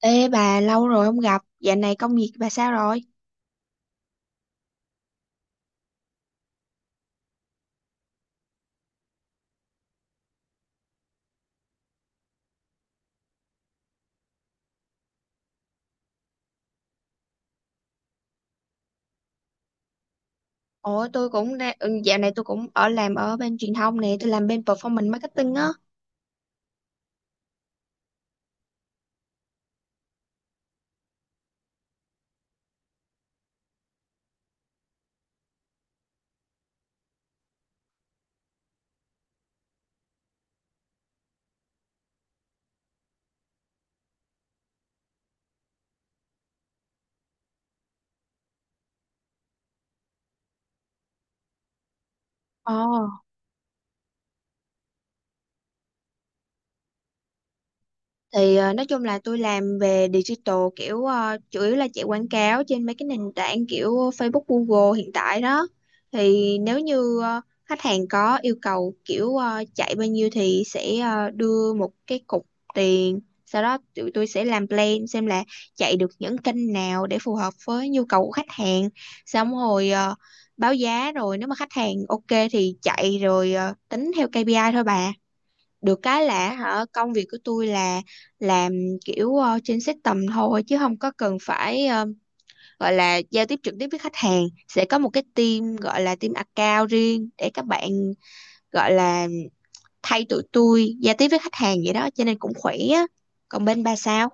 Ê bà, lâu rồi không gặp, dạo này công việc bà sao rồi? Ủa tôi cũng đang, dạo này tôi cũng ở làm ở bên truyền thông nè, tôi làm bên performance marketing á. Ồ. Thì nói chung là tôi làm về digital, kiểu chủ yếu là chạy quảng cáo trên mấy cái nền tảng kiểu Facebook, Google hiện tại đó. Thì nếu như khách hàng có yêu cầu kiểu chạy bao nhiêu thì sẽ đưa một cái cục tiền, sau đó tụi tôi sẽ làm plan xem là chạy được những kênh nào để phù hợp với nhu cầu của khách hàng, xong rồi báo giá, rồi nếu mà khách hàng ok thì chạy, rồi tính theo KPI thôi bà. Được cái là hả, công việc của tôi là làm kiểu trên system thôi, chứ không có cần phải gọi là giao tiếp trực tiếp với khách hàng, sẽ có một cái team gọi là team account riêng để các bạn, gọi là, thay tụi tôi giao tiếp với khách hàng vậy đó, cho nên cũng khỏe á. Còn bên bà sao?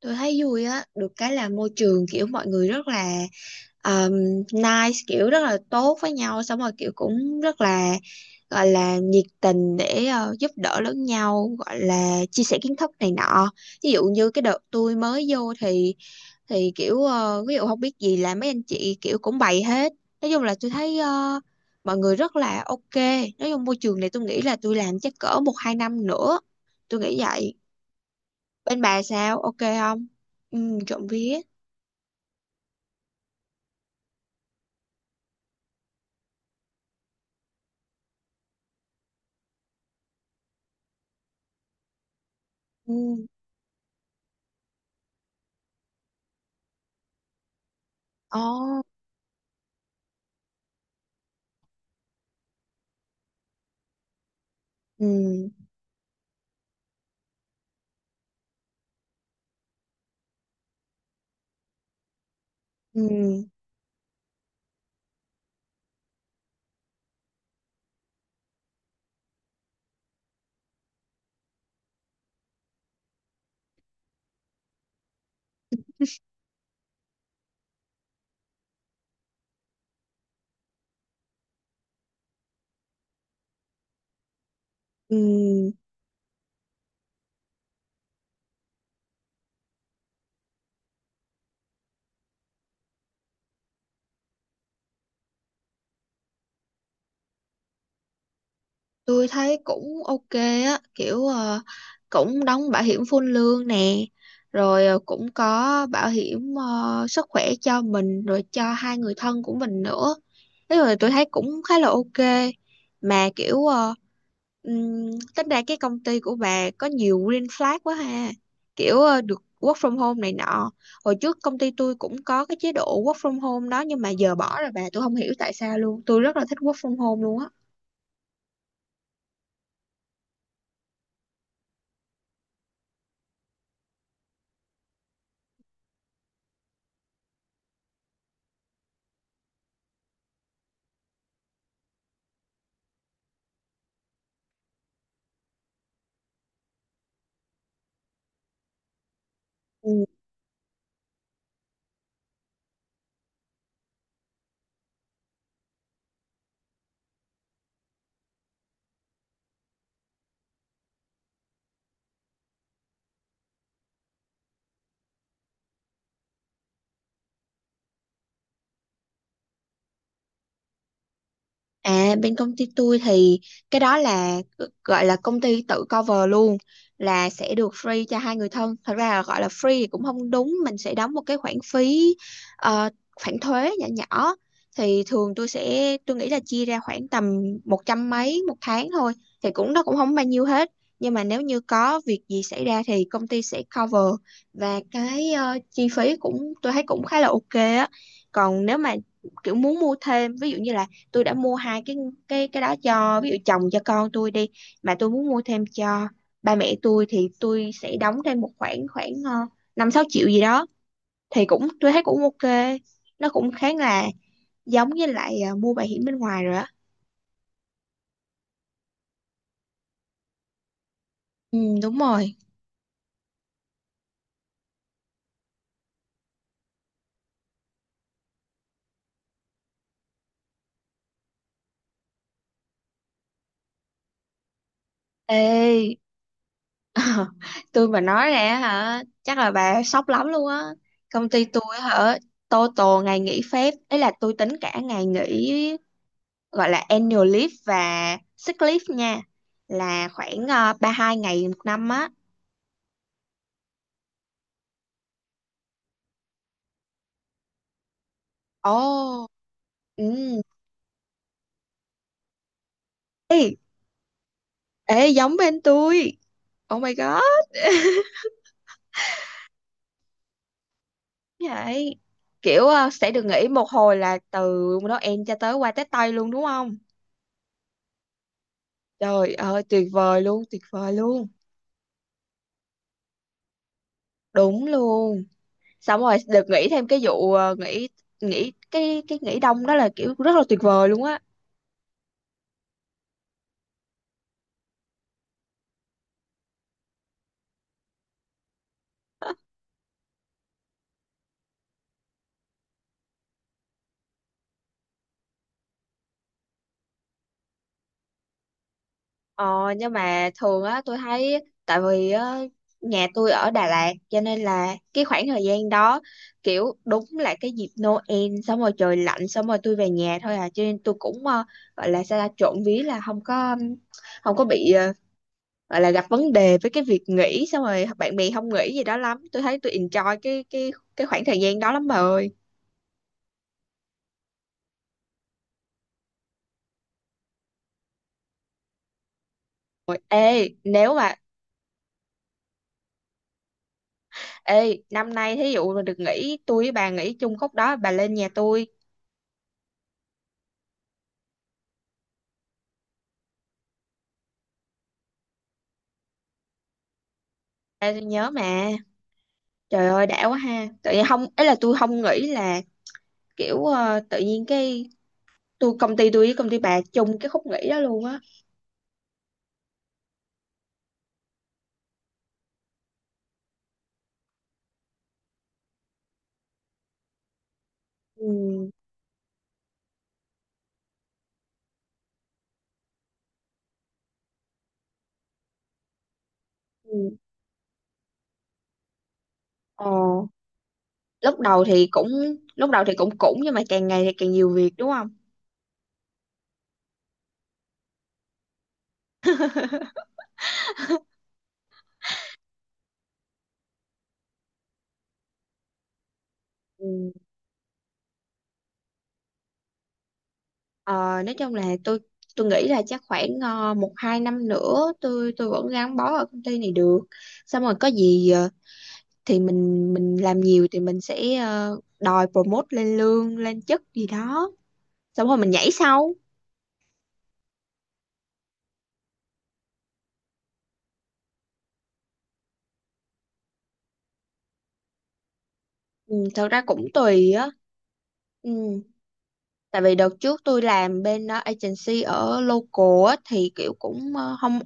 Tôi thấy vui á, được cái là môi trường kiểu mọi người rất là um, nice, kiểu rất là tốt với nhau, xong rồi kiểu cũng rất là, gọi là, nhiệt tình để giúp đỡ lẫn nhau, gọi là chia sẻ kiến thức này nọ. Ví dụ như cái đợt tôi mới vô thì kiểu ví dụ không biết gì là mấy anh chị kiểu cũng bày hết. Nói chung là tôi thấy mọi người rất là ok. Nói chung môi trường này tôi nghĩ là tôi làm chắc cỡ một hai năm nữa. Tôi nghĩ vậy. Bên bà sao, ok không? Ừ, trộm vía. Ừ. Ồ. Ừ. Ừ. Ừ. Tôi thấy cũng ok á, kiểu cũng đóng bảo hiểm full lương nè, rồi cũng có bảo hiểm sức khỏe cho mình, rồi cho hai người thân của mình nữa, thế rồi tôi thấy cũng khá là ok. Mà kiểu ừm, tính ra cái công ty của bà có nhiều green flag quá ha, kiểu được work from home này nọ. Hồi trước công ty tôi cũng có cái chế độ work from home đó, nhưng mà giờ bỏ rồi bà, tôi không hiểu tại sao luôn, tôi rất là thích work from home luôn á. À, bên công ty tôi thì cái đó là, gọi là, công ty tự cover luôn, là sẽ được free cho hai người thân. Thật ra, là gọi là free thì cũng không đúng, mình sẽ đóng một cái khoản phí, ờ, khoản thuế nhỏ nhỏ, thì thường tôi nghĩ là chia ra khoảng tầm một trăm mấy một tháng thôi, thì cũng, nó cũng không bao nhiêu hết. Nhưng mà nếu như có việc gì xảy ra thì công ty sẽ cover và cái chi phí cũng, tôi thấy cũng khá là ok á. Còn nếu mà kiểu muốn mua thêm, ví dụ như là tôi đã mua hai cái đó cho, ví dụ, chồng cho con tôi đi, mà tôi muốn mua thêm cho ba mẹ tôi thì tôi sẽ đóng thêm một khoản, khoảng 5 6 triệu gì đó, thì cũng, tôi thấy cũng ok, nó cũng khá là giống với lại mua bảo hiểm bên ngoài rồi á. Ừ đúng rồi. Ê, tôi mà nói ra hả chắc là bà sốc lắm luôn á. Công ty tôi hả, tô tô ngày nghỉ phép ấy là tôi tính cả ngày nghỉ, gọi là annual leave và sick leave nha, là khoảng 32 ngày một năm á. Ồ. Ừ. ê, ê, giống bên tôi. Oh my god. Vậy kiểu sẽ được nghỉ một hồi là từ Noel cho tới qua Tết Tây luôn, đúng không? Trời ơi tuyệt vời luôn, tuyệt vời luôn. Đúng luôn. Xong rồi được nghỉ thêm cái vụ ờ, nghỉ nghỉ cái nghỉ đông đó là kiểu rất là tuyệt vời luôn á. Ờ, nhưng mà thường á tôi thấy, tại vì á, nhà tôi ở Đà Lạt, cho nên là cái khoảng thời gian đó kiểu đúng là cái dịp Noel, xong rồi trời lạnh, xong rồi tôi về nhà thôi à, cho nên tôi cũng, gọi là sao ta, trộm vía là không có bị, gọi là gặp vấn đề với cái việc nghỉ xong rồi bạn bè không nghỉ gì đó lắm, tôi thấy tôi enjoy cái khoảng thời gian đó lắm bà ơi. Ôi, ê nếu mà ê năm nay thí dụ mà được nghỉ, tôi với bà nghỉ chung khúc đó, bà lên nhà tôi. Ê, tôi nhớ mà. Trời ơi đã quá ha. Tự nhiên không ấy, là tôi không nghĩ là kiểu tự nhiên cái, công ty tôi với công ty bà chung cái khúc nghỉ đó luôn á. Ừ. Ừ. Ờ, lúc đầu thì cũng lúc đầu thì cũng cũng nhưng mà càng ngày thì càng nhiều việc đúng không? Ừ. Ờ, nói chung là tôi nghĩ là chắc khoảng một hai năm nữa tôi vẫn gắn bó ở công ty này được. Xong rồi có gì thì mình làm nhiều thì mình sẽ đòi promote lên lương lên chức gì đó. Xong rồi mình nhảy sau. Ừ, thật ra cũng tùy á. Ừ, tại vì đợt trước tôi làm bên agency ở local á, thì kiểu cũng không,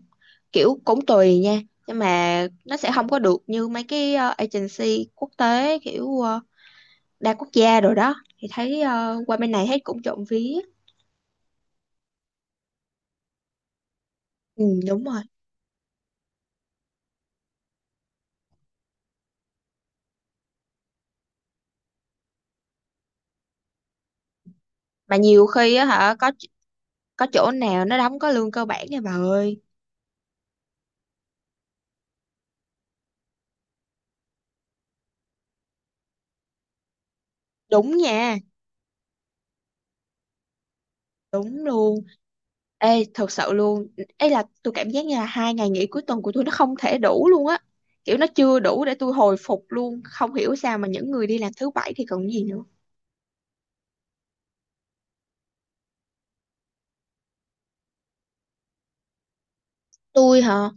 kiểu cũng tùy nha, nhưng mà nó sẽ không có được như mấy cái agency quốc tế, kiểu đa quốc gia rồi đó, thì thấy qua bên này thấy cũng trộm vía. Ừ, đúng rồi. Mà nhiều khi á hả, có chỗ nào nó đóng có lương cơ bản nha bà ơi. Đúng nha. Đúng luôn. Ê thật sự luôn, ấy là tôi cảm giác như là 2 ngày nghỉ cuối tuần của tôi nó không thể đủ luôn á, kiểu nó chưa đủ để tôi hồi phục luôn, không hiểu sao mà những người đi làm thứ bảy thì còn gì nữa. Tôi hả?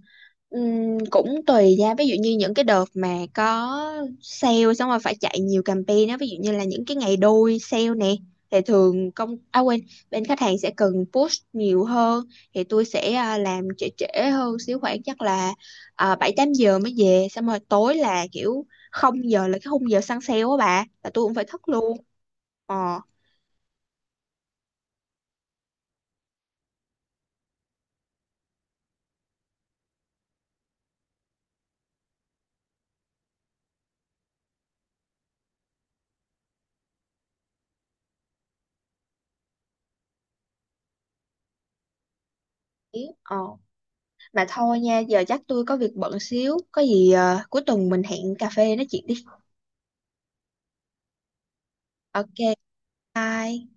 Cũng tùy ra, ví dụ như những cái đợt mà có sale, xong rồi phải chạy nhiều campaign á, ví dụ như là những cái ngày đôi sale nè, thì thường công, à quên, bên khách hàng sẽ cần push nhiều hơn, thì tôi sẽ làm trễ trễ hơn xíu, khoảng chắc là 7 8 giờ mới về, xong rồi tối là kiểu 0 giờ là cái khung giờ săn sale á bà, là tôi cũng phải thức luôn. Ờ ý, mà thôi nha, giờ chắc tôi có việc bận xíu, có gì à, cuối tuần mình hẹn cà phê nói chuyện đi. Ok, bye.